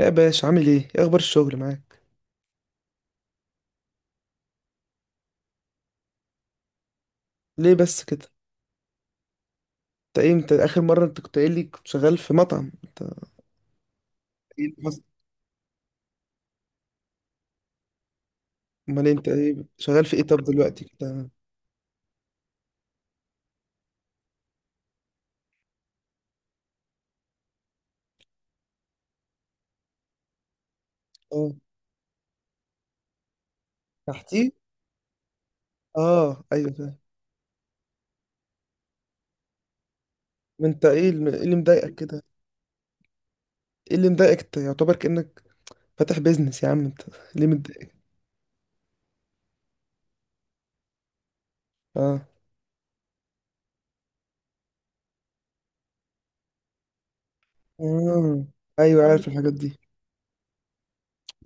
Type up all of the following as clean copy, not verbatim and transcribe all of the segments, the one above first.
يا باشا، عامل ايه؟ ايه اخبار الشغل معاك؟ ليه بس كده؟ انت ايه، انت اخر مره انت كنت قايل لي كنت شغال في مطعم، انت. ايه اللي حصل؟ امال انت ايه، شغال في ايه طب دلوقتي كده؟ اه، تحتيه. اه ايوه، فاهم. انت ايه ايه اللي مضايقك كده؟ ايه اللي مضايقك انت؟ يعتبر كانك فاتح بيزنس يا عم انت، ليه متضايق؟ اه. آه. ايوه، عارف الحاجات دي.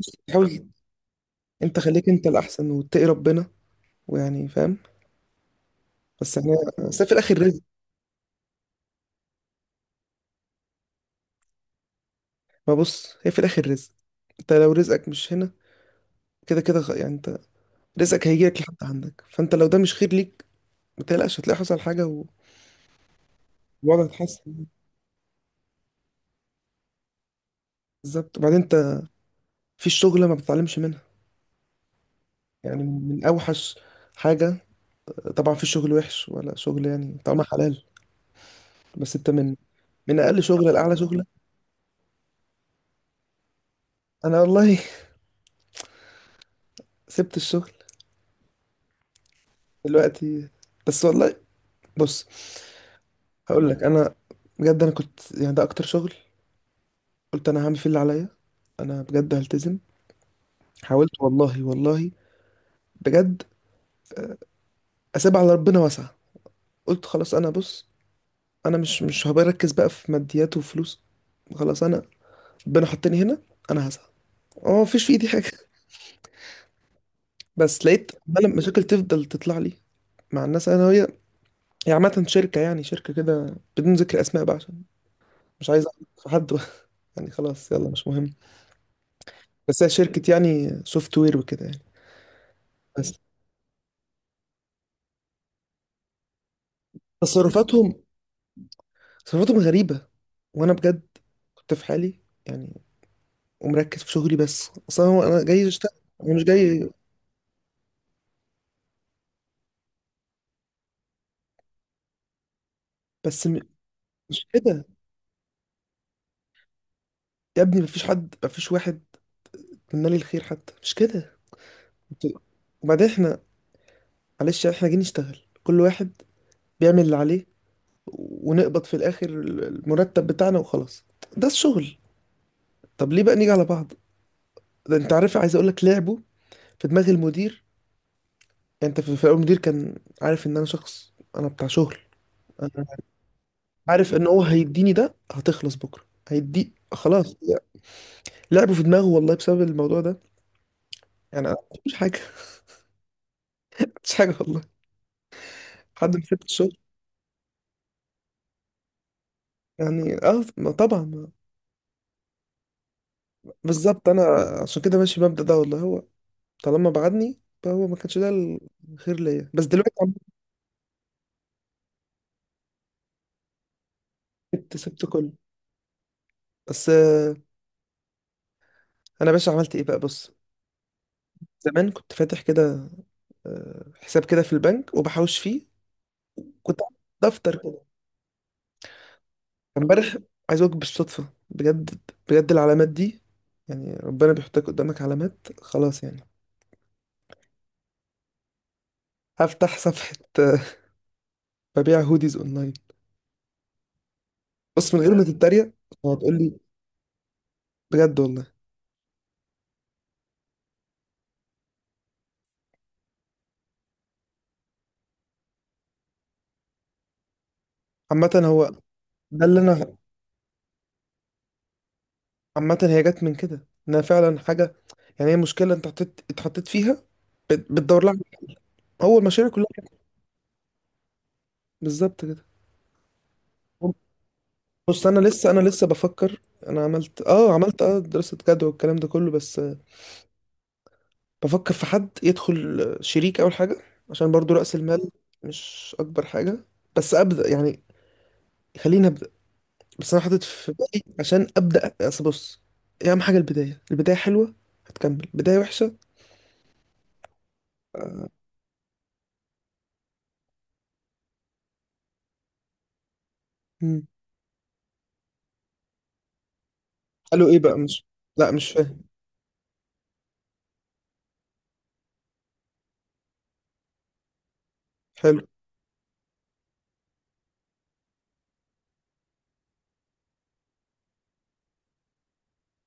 بس حاول. انت خليك انت الاحسن واتقي ربنا، ويعني فاهم. بس احنا، بس في الاخر رزق. ما بص، هي في الاخر رزق. انت لو رزقك مش هنا، كده كده يعني انت رزقك هيجيلك لحد عندك. فانت لو ده مش خير ليك ما تقلقش، هتلاقي حصل حاجه والوضع هيتحسن. بالظبط. وبعدين انت في الشغل ما بتتعلمش منها؟ يعني من اوحش حاجه. طبعا في شغل وحش ولا شغل يعني طعمه حلال، بس انت من اقل شغله لاعلى شغله. انا والله سبت الشغل دلوقتي، بس والله بص، هقول لك انا. بجد انا كنت، يعني ده اكتر شغل قلت انا هعمل فيه اللي عليا. انا بجد هلتزم، حاولت والله والله بجد. اسيبها على ربنا واسعة. قلت خلاص، انا بص، انا مش هبركز بقى في ماديات وفلوس. خلاص انا، ربنا حطني هنا، انا هسعى. اه، مفيش في ايدي حاجه بس لقيت عمال مشاكل تفضل تطلع لي مع الناس، انا وهي. هي عامه شركه، يعني شركه كده بدون ذكر اسماء بقى، عشان مش عايز أعرف في حد بقى. يعني خلاص، يلا مش مهم. بس هي شركه يعني سوفت وير وكده يعني. بس تصرفاتهم، تصرفاتهم غريبه، وانا بجد كنت في حالي، يعني ومركز في شغلي، بس اصلا هو انا جاي اشتغل، انا مش جاي. بس مش كده. يا ابني مفيش حد، مفيش واحد منا لي الخير، حتى مش كده. انتوا- وبعدين احنا، معلش، احنا جايين نشتغل، كل واحد بيعمل اللي عليه ونقبض في الاخر المرتب بتاعنا وخلاص. ده الشغل. طب ليه بقى نيجي على بعض؟ ده انت عارف، عايز اقول لك لعبه في دماغ المدير. يعني انت في الاول المدير كان عارف ان انا شخص، انا بتاع شغل. انا عارف ان هو هيديني ده، هتخلص بكره هيدي، خلاص يعني. لعبه في دماغه والله بسبب الموضوع ده. يعني انا مش حاجه مش حاجه والله. لحد ما سبت الشغل، يعني اه، ما طبعا بالظبط. انا عشان كده ماشي بمبدأ ده والله، هو طالما بعدني فهو ما كانش ده الخير ليا، بس دلوقتي عملت. سبت، سبت كله، بس انا باشا عملت ايه بقى، بص. زمان كنت فاتح كده، حساب كده في البنك وبحوش فيه. كنت عامل دفتر كده. امبارح عايز اقولك، بالصدفة بجد، بجد العلامات دي، يعني ربنا بيحطك قدامك علامات، خلاص يعني. هفتح صفحة ببيع هوديز اونلاين. بص من غير ما تتريق، هتقول لي بجد والله. عامة هو ده اللي انا، عامة هي جت من كده ان انا فعلا حاجة، يعني هي مشكلة انت اتحطيت فيها، بتدور لها. هو المشاريع كلها كده. بالظبط كده. بص انا لسه بفكر. انا عملت دراسة جدوى والكلام ده كله، بس بفكر في حد يدخل شريك اول حاجة، عشان برضو رأس المال مش اكبر حاجة، بس ابدأ يعني، خليني ابدأ. بس انا حاطط في بالي عشان ابدأ، اصل بص، إيه اهم حاجة؟ البداية. البداية حلوة هتكمل، بداية وحشة. قالوا ايه بقى؟ مش لا، مش فاهم. حلو.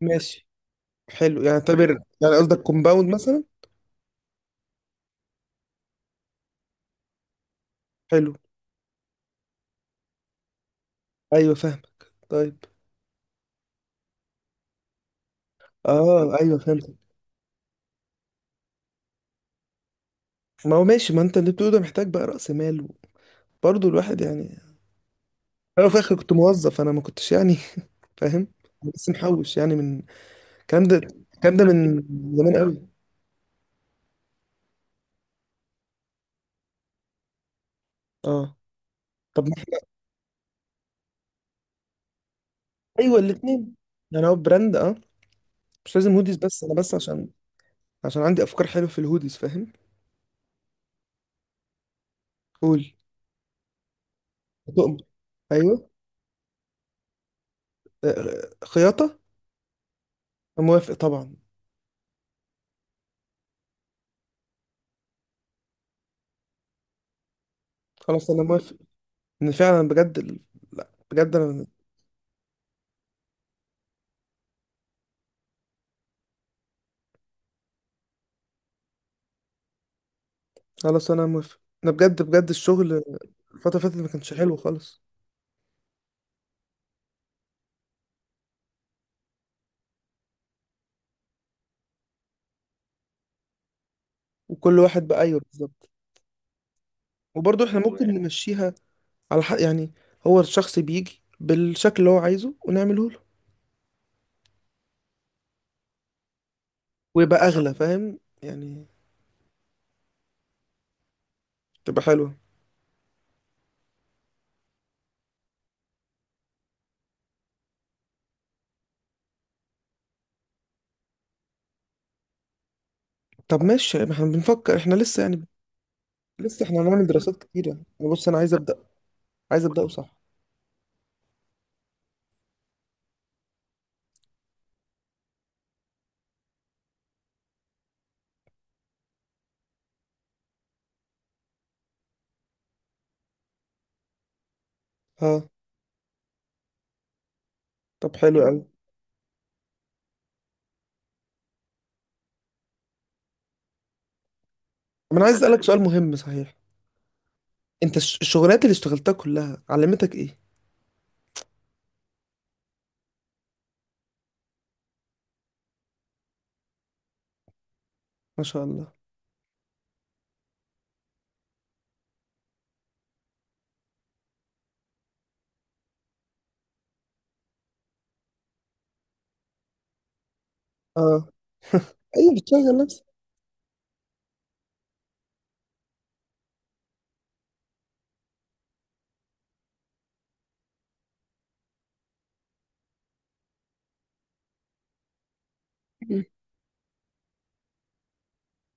ماشي، حلو يعني، اعتبر. يعني قصدك كومباوند مثلا. حلو. ايوه فاهمك، طيب. اه ايوه فهمت. ما هو ماشي، ما انت اللي بتقوله ده محتاج بقى رأس مال، برضه الواحد يعني. انا في الاخر كنت موظف، انا ما كنتش يعني فاهم. بس محوش يعني من الكلام ده، الكلام ده من زمان قوي. اه، طب ما ايوه، الاثنين. يعني هو براند، مش لازم هوديز، بس انا، بس عشان عشان عندي افكار حلوه في الهوديز، فاهم. قول. تؤمر. ايوه. خياطه. أنا موافق طبعا. خلاص انا موافق ان فعلا بجد لا بجد انا، خلاص انا موافق. انا بجد بجد، الشغل الفترة اللي فاتت ما كانش حلو خالص. وكل واحد بقى، ايوه بالظبط. وبرضه احنا ممكن نمشيها على حق يعني، هو الشخص بيجي بالشكل اللي هو عايزه ونعمله له ويبقى اغلى، فاهم يعني. تبقى حلوة. طب ماشي، ما احنا بنفكر، احنا لسه يعني، لسه احنا هنعمل دراسات كتيرة. أنا بص، انا عايز ابدا، عايز ابداه صح. ها. طب حلو قوي. طب انا عايز اسالك سؤال مهم صحيح. انت الشغلات اللي اشتغلتها كلها علمتك ايه؟ ما شاء الله. اه ايوه، بتشغل نفسك. مم.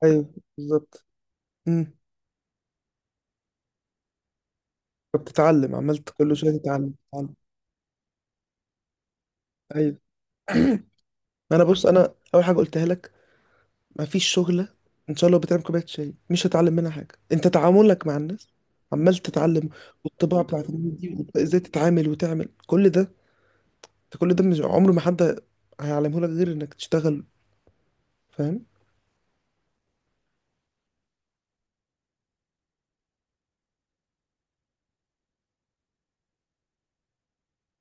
ايوه بالظبط. امم. فبتتعلم، عملت كل شويه تتعلم، تتعلم. ايوه، ما انا بص، انا اول حاجه قلتها لك، ما فيش شغله ان شاء الله بتعمل كوبايه شاي مش هتعلم منها حاجه. انت تعاملك مع الناس عمال تتعلم، والطباع بتاعت الناس دي، وإنت ازاي تتعامل وتعمل كل ده. انت كل ده مش عمره ما حد هيعلمه لك غير انك تشتغل. فاهم.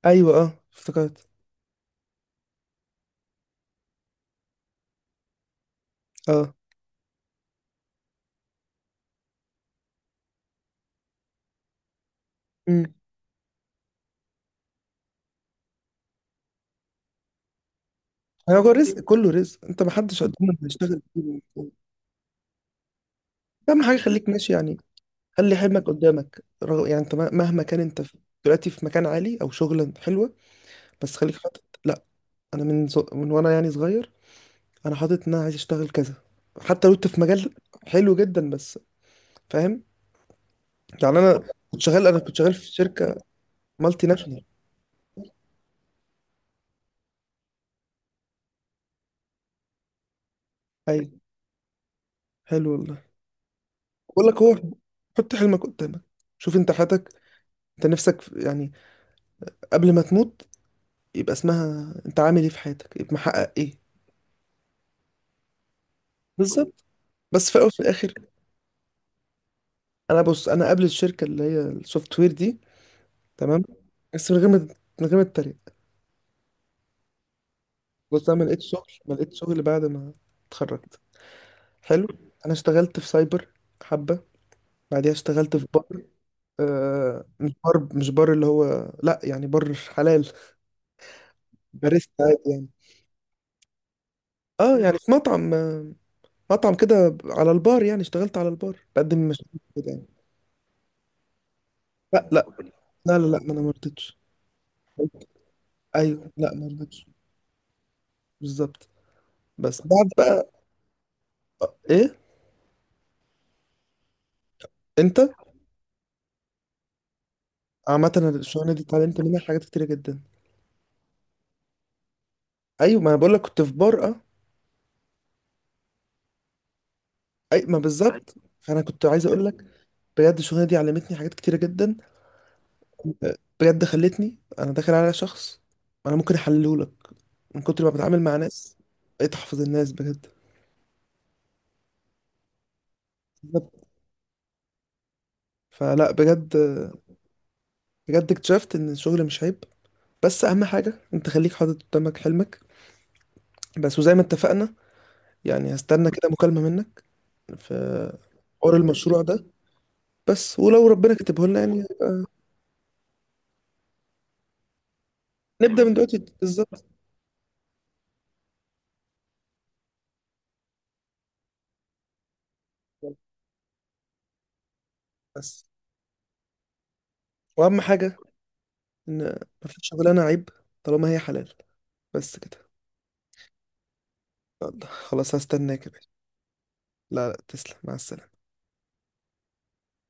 ايوه اه، افتكرت. اه، هو رزق، كله رزق، انت ما حدش قدامك بيشتغل كتير. اهم حاجه خليك ماشي يعني، خلي حلمك قدامك، يعني انت مهما كان انت دلوقتي في مكان عالي او شغلة حلوه، بس خليك حاطط. لا، انا من وانا يعني صغير انا حاطط ان انا عايز اشتغل كذا، حتى لو انت في مجال حلو جدا، بس فاهم يعني. انا كنت شغال في شركه مالتي ناشونال. ايوه، حلو والله. بقول لك، هو حط حلمك قدامك، شوف انت حياتك، انت نفسك يعني قبل ما تموت يبقى اسمها انت عامل ايه في حياتك، يبقى محقق ايه. بالظبط. بس في الاول وفي الاخر. انا بص، انا قبل الشركه اللي هي السوفت وير دي، تمام، بس من غير ما اتريق، بص انا ما لقيتش شغل، ما لقيتش شغل بعد ما اتخرجت. حلو. انا اشتغلت في سايبر حبه، بعديها اشتغلت في بار. مش بار، مش بار اللي هو، لا يعني بار حلال، باريستا عادي يعني. اه يعني في مطعم، مطعم كده على البار، يعني اشتغلت على البار بقدم مشاكل كده يعني. لا لا لا لا لا، ما انا ما رضيتش. ايوه لا، ما رضيتش. بالظبط. بس بعد بقى، ايه انت. عامه الشغلانه دي اتعلمت منها حاجات كتيره جدا. ايوه، ما انا بقول لك كنت في بار، اه. اي ما بالظبط. فانا كنت عايز اقول لك بجد، الشغلانه دي علمتني حاجات كتيره جدا. بجد خلتني انا داخل على شخص، انا ممكن احلله لك من كتر ما بتعامل مع ناس. بقيت احفظ الناس بجد. بالظبط. فلا بجد، بجد اكتشفت ان الشغل مش عيب، بس اهم حاجه انت خليك حاطط قدامك حلمك، بس. وزي ما اتفقنا يعني، هستنى كده مكالمه منك. ف حوار المشروع ده، بس ولو ربنا كتبه لنا يعني. نبدأ من دلوقتي بالظبط. بس وأهم حاجة إن مفيش شغلانة عيب طالما هي حلال، بس كده. يلا، خلاص هستناك يا باشا. لا لا، تسلم، مع السلامة.